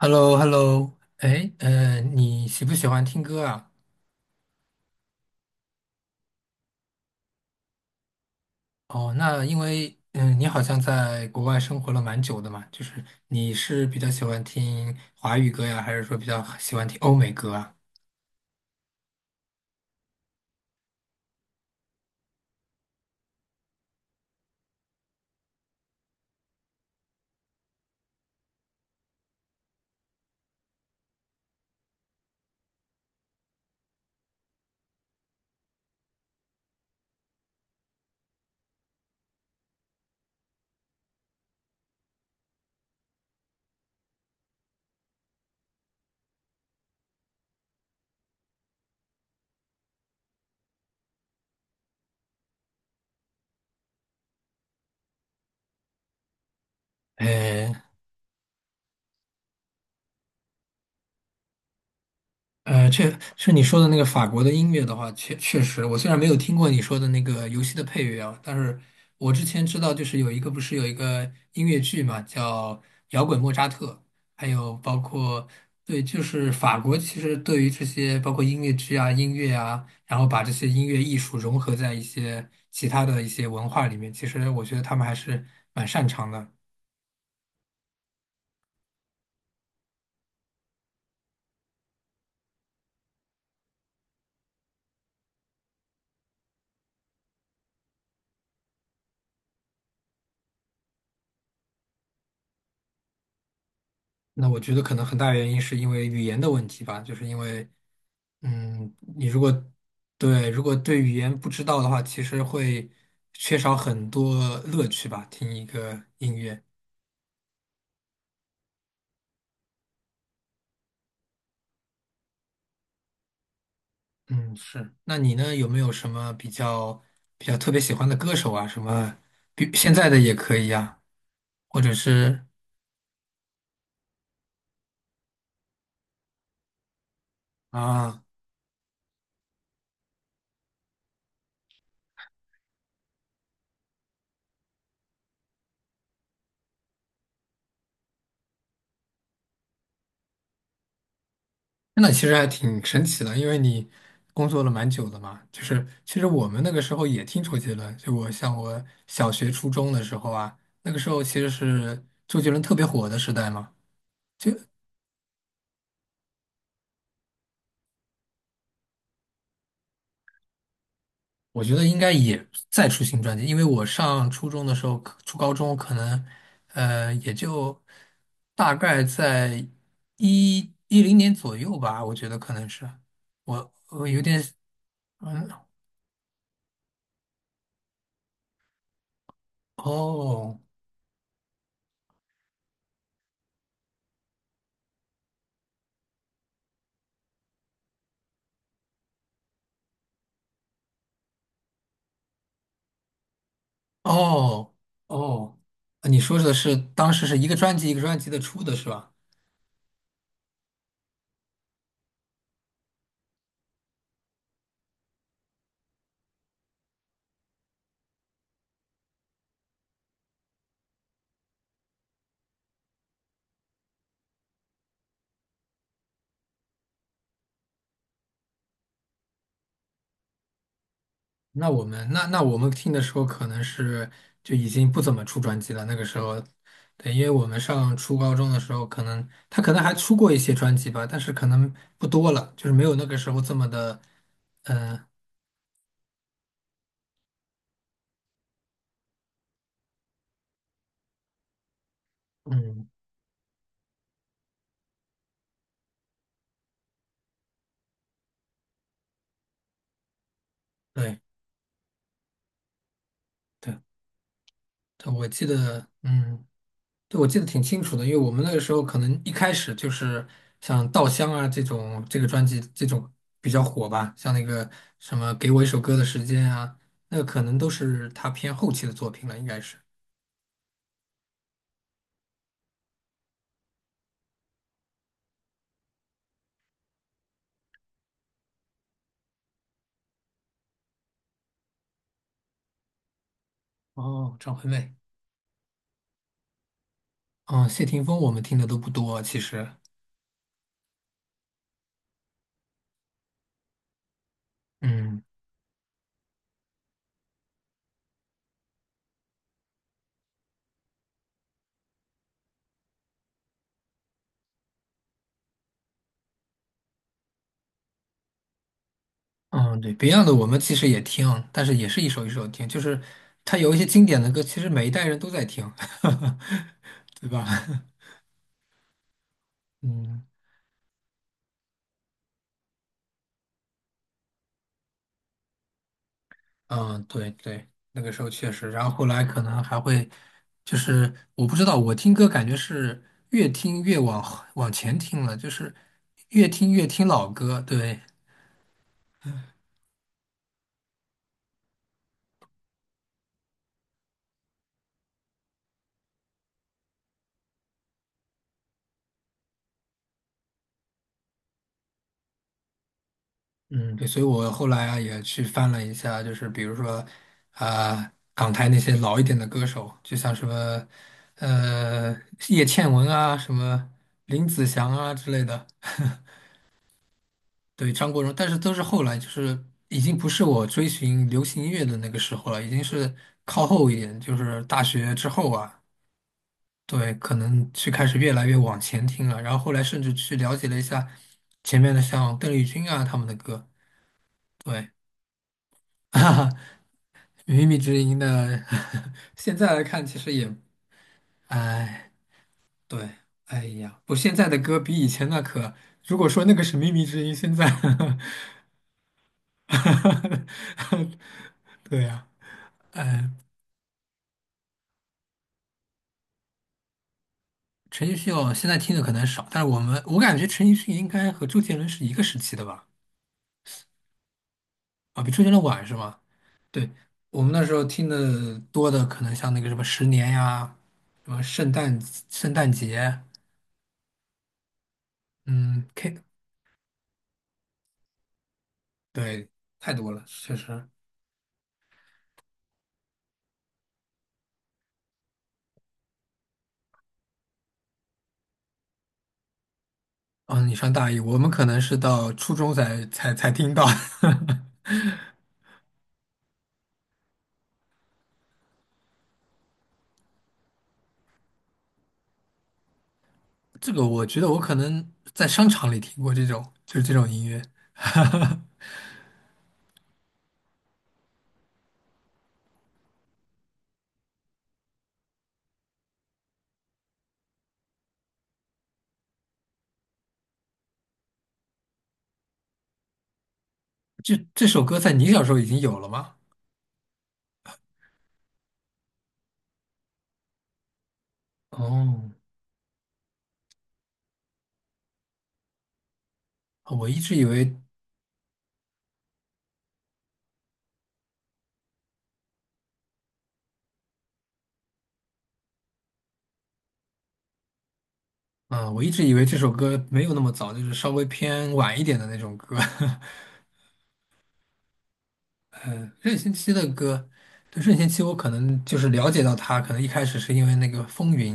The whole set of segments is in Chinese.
Hello Hello 哎，你喜不喜欢听歌啊？哦，那因为你好像在国外生活了蛮久的嘛，就是你是比较喜欢听华语歌呀，还是说比较喜欢听欧美歌啊？哎，确是你说的那个法国的音乐的话，确实，我虽然没有听过你说的那个游戏的配乐啊，但是我之前知道，就是有一个不是有一个音乐剧嘛，叫《摇滚莫扎特》，还有包括对，就是法国其实对于这些包括音乐剧啊、音乐啊，然后把这些音乐艺术融合在一些其他的一些文化里面，其实我觉得他们还是蛮擅长的。那我觉得可能很大原因是因为语言的问题吧，就是因为，嗯，你如果对语言不知道的话，其实会缺少很多乐趣吧，听一个音乐。嗯，是。那你呢，有没有什么比较特别喜欢的歌手啊？什么，比现在的也可以啊，或者是啊。那其实还挺神奇的，因为你工作了蛮久的嘛。就是其实我们那个时候也听周杰伦，就我像我小学、初中的时候啊，那个时候其实是周杰伦特别火的时代嘛。我觉得应该也在出新专辑，因为我上初中的时候，初高中可能也就大概在2010年左右吧，我觉得可能是我有点嗯哦。哦哦，你说的是当时是一个专辑一个专辑的出的是吧？那我们听的时候可能是就已经不怎么出专辑了，那个时候，对，因为我们上初高中的时候，可能他可能还出过一些专辑吧，但是可能不多了，就是没有那个时候这么的，呃嗯，对对。对我记得，嗯，对，我记得挺清楚的，因为我们那个时候可能一开始就是像《稻香》啊这种这个专辑这种比较火吧，像那个什么《给我一首歌的时间》啊，那个可能都是他偏后期的作品了，应该是。哦，张惠妹，嗯，谢霆锋我们听的都不多，其实，嗯嗯，对，Beyond 的我们其实也听，但是也是一首一首听，就是他有一些经典的歌，其实每一代人都在听，对吧？嗯。嗯，对对，那个时候确实，然后后来可能还会，就是我不知道，我听歌感觉是越听越往后往前听了，就是越听越听老歌，对，嗯，对，所以我后来啊也去翻了一下，就是比如说啊、港台那些老一点的歌手，就像什么呃叶倩文啊，什么林子祥啊之类的，对，张国荣，但是都是后来，就是已经不是我追寻流行音乐的那个时候了，已经是靠后一点，就是大学之后啊，对，可能去开始越来越往前听了，然后后来甚至去了解了一下前面的像邓丽君啊他们的歌，对，哈哈，靡靡之音的，现在来看其实也，哎，对，哎呀，不，现在的歌比以前那可，如果说那个是靡靡之音，现在 对呀、陈奕迅哦，现在听的可能少，但是我感觉陈奕迅应该和周杰伦是一个时期的吧？啊，比周杰伦晚是吗？对，我们那时候听的多的可能像那个什么《十年》呀，什么圣诞节，嗯，K，对，太多了，确实。嗯，你上大一，我们可能是到初中才听到 这个，我觉得我可能在商场里听过这种，就是这种音乐。这首歌在你小时候已经有了吗？哦，我一直以为，嗯，我一直以为这首歌没有那么早，就是稍微偏晚一点的那种歌。任贤齐的歌，对任贤齐，我可能就是了解到他，可能一开始是因为那个《风云》，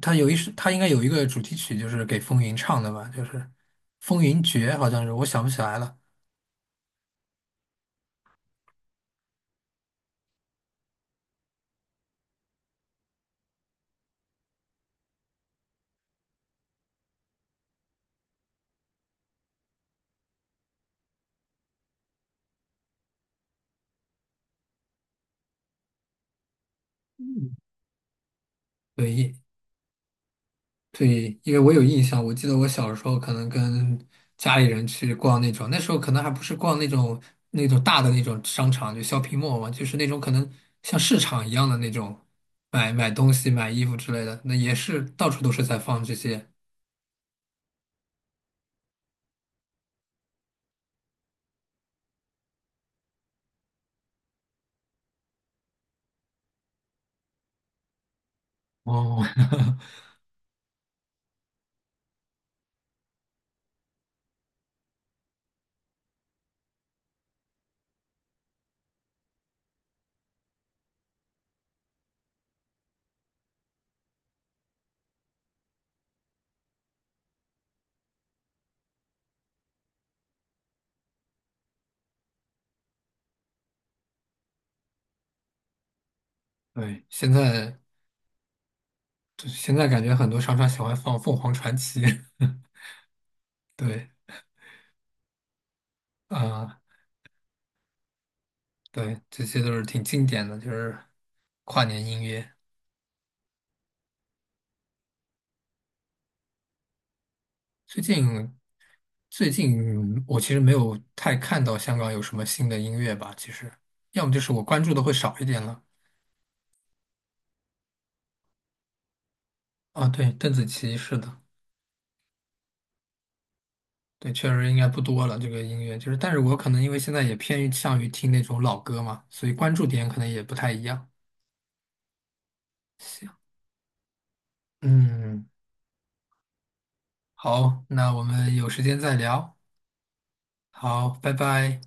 他有一首，他应该有一个主题曲，就是给《风云》唱的吧，就是《风云决》，好像是，我想不起来了。对，对，因为我有印象，我记得我小时候可能跟家里人去逛那种，那时候可能还不是逛那种那种大的那种商场，就 shopping mall 嘛，就是那种可能像市场一样的那种，买东西、买衣服之类的，那也是到处都是在放这些。哦，对，现在感觉很多商场喜欢放凤凰传奇，对啊，对，这些都是挺经典的，就是跨年音乐。最近最近我其实没有太看到香港有什么新的音乐吧，其实要么就是我关注的会少一点了。啊，对，邓紫棋是的，对，确实应该不多了这个音乐，就是但是我可能因为现在也偏向于听那种老歌嘛，所以关注点可能也不太一样。行，嗯，好，那我们有时间再聊。好，拜拜。